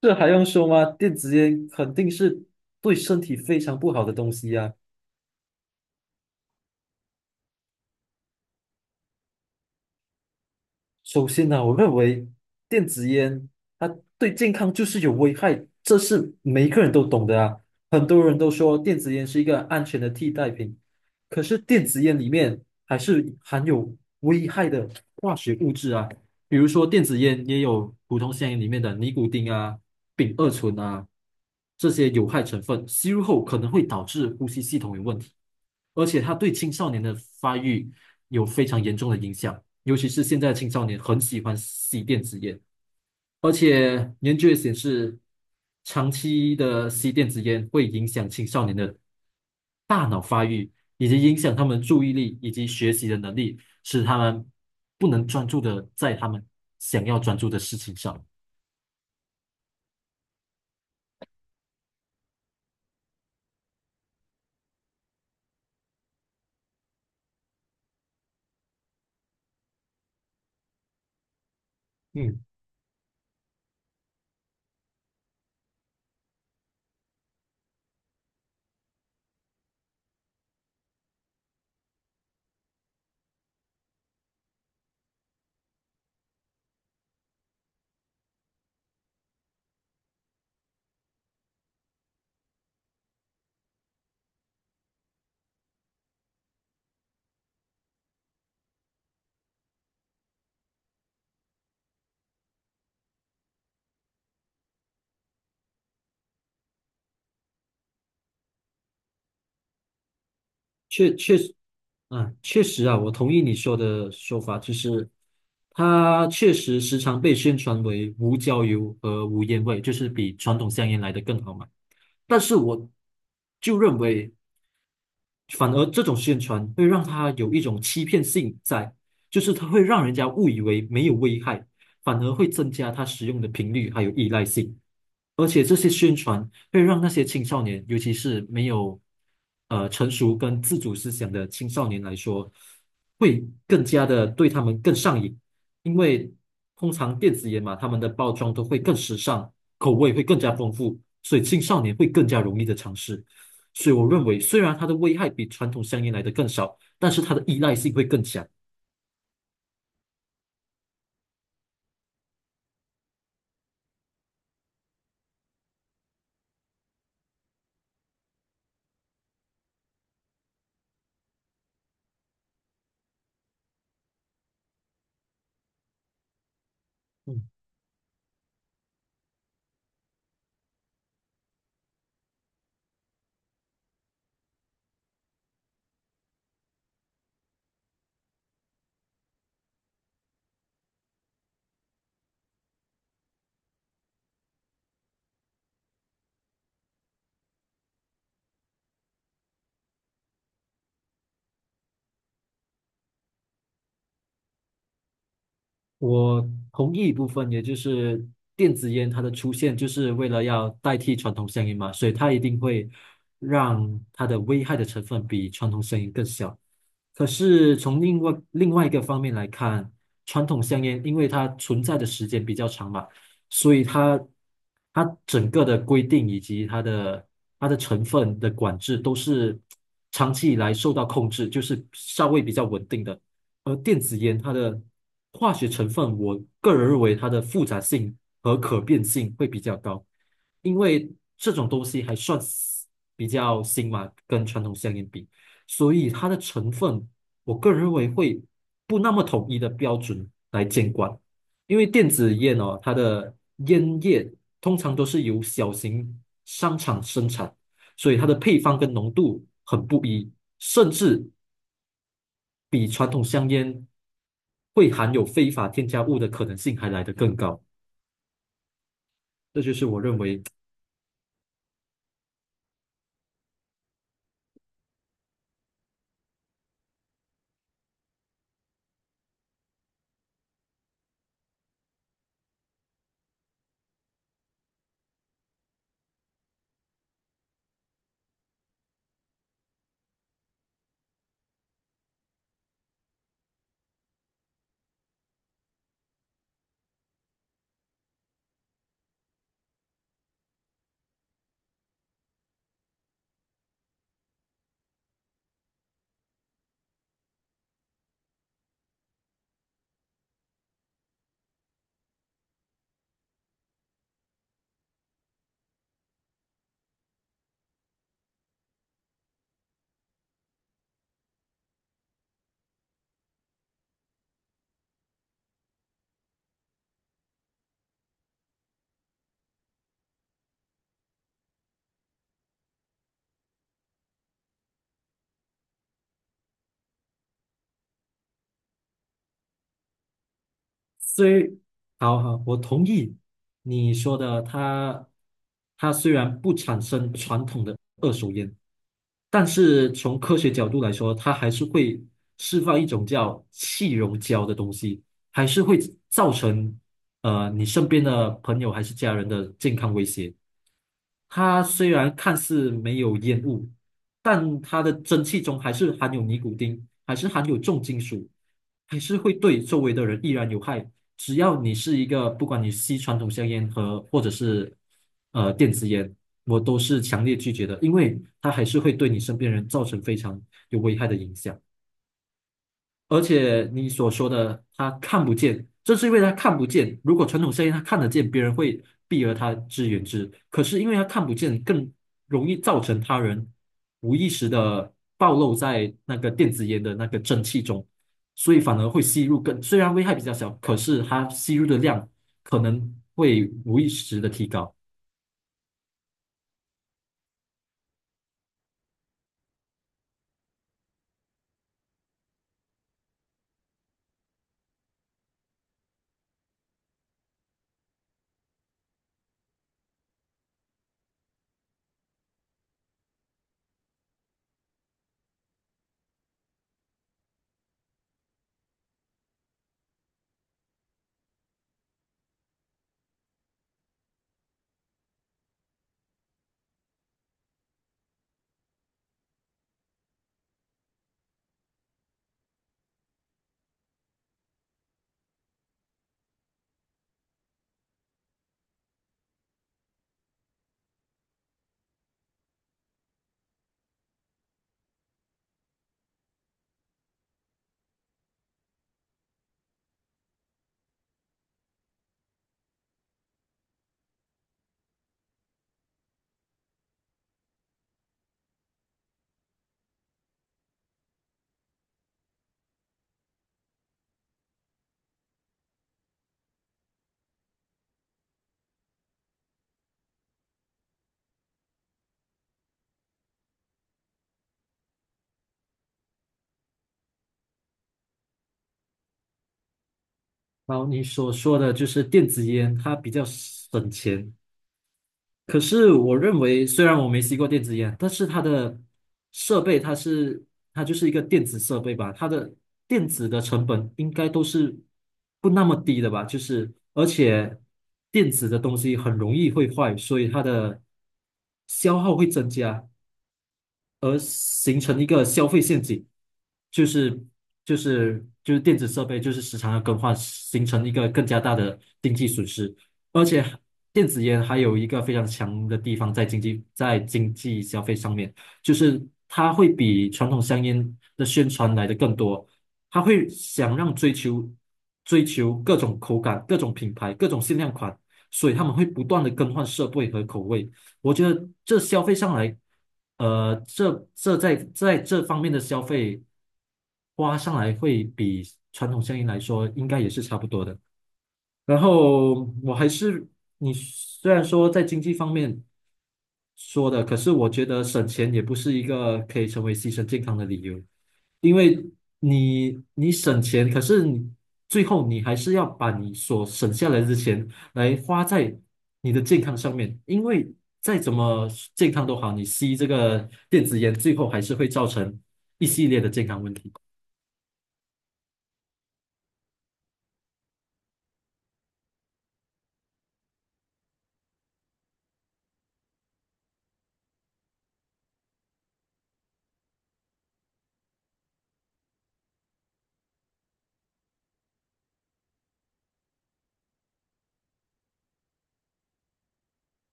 这还用说吗？电子烟肯定是对身体非常不好的东西呀。首先呢，我认为电子烟它对健康就是有危害，这是每一个人都懂的啊。很多人都说电子烟是一个安全的替代品，可是电子烟里面还是含有危害的化学物质啊，比如说电子烟也有普通香烟里面的尼古丁啊、丙二醇啊，这些有害成分，吸入后可能会导致呼吸系统有问题，而且它对青少年的发育有非常严重的影响。尤其是现在的青少年很喜欢吸电子烟，而且研究也显示，长期的吸电子烟会影响青少年的大脑发育，以及影响他们注意力以及学习的能力，使他们不能专注的在他们想要专注的事情上。嗯。确确实，确实啊，我同意你说的说法，就是它确实时常被宣传为无焦油和无烟味，就是比传统香烟来的更好嘛。但是我就认为反而这种宣传会让他有一种欺骗性在，就是它会让人家误以为没有危害，反而会增加他使用的频率还有依赖性。而且这些宣传会让那些青少年，尤其是没有成熟跟自主思想的青少年来说，会更加的对他们更上瘾，因为通常电子烟嘛，他们的包装都会更时尚，口味会更加丰富，所以青少年会更加容易的尝试。所以我认为，虽然它的危害比传统香烟来的更少，但是它的依赖性会更强。嗯，我同意一部分，也就是电子烟它的出现就是为了要代替传统香烟嘛，所以它一定会让它的危害的成分比传统香烟更小。可是从另外一个方面来看，传统香烟因为它存在的时间比较长嘛。所以它整个的规定以及它的成分的管制都是长期以来受到控制，就是稍微比较稳定的。而电子烟它的化学成分，我个人认为它的复杂性和可变性会比较高，因为这种东西还算是比较新嘛，跟传统香烟比，所以它的成分，我个人认为会不那么统一的标准来监管。因为电子烟哦，它的烟叶通常都是由小型商场生产，所以它的配方跟浓度很不一，甚至比传统香烟会含有非法添加物的可能性还来得更高。这就是我认为。虽好好，我同意你说的，它虽然不产生传统的二手烟，但是从科学角度来说，它还是会释放一种叫气溶胶的东西，还是会造成你身边的朋友还是家人的健康威胁。它虽然看似没有烟雾，但它的蒸汽中还是含有尼古丁，还是含有重金属，还是会对周围的人依然有害。只要你是一个，不管你吸传统香烟和或者是电子烟，我都是强烈拒绝的，因为它还是会对你身边人造成非常有危害的影响。而且你所说的他看不见，正是因为他看不见。如果传统生意他看得见，别人会避而他之远之。可是因为他看不见，更容易造成他人无意识的暴露在那个电子烟的那个蒸汽中，所以反而会吸入更，虽然危害比较小，可是它吸入的量可能会无意识的提高。然后你所说的就是电子烟，它比较省钱，可是我认为，虽然我没吸过电子烟，但是它的设备，它是它就是一个电子设备吧，它的电子的成本应该都是不那么低的吧？就是而且电子的东西很容易会坏，所以它的消耗会增加。形成一个消费陷阱，就是就是电子设备就是时常要更换，形成一个更加大的经济损失。而且电子烟还有一个非常强的地方在经济消费上面，就是它会比传统香烟的宣传来的更多，它会想让追求各种口感、各种品牌、各种限量款，所以他们会不断的更换设备和口味。我觉得这消费上来，这这在在这方面的消费花上来会比传统香烟来说应该也是差不多的。然后我还是你虽然说在经济方面说的，可是我觉得省钱也不是一个可以成为牺牲健康的理由。因为你省钱，可是你最后你还是要把你所省下来的钱来花在你的健康上面，因为再怎么健康都好，你吸这个电子烟，最后还是会造成一系列的健康问题。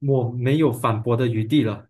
我没有反驳的余地了。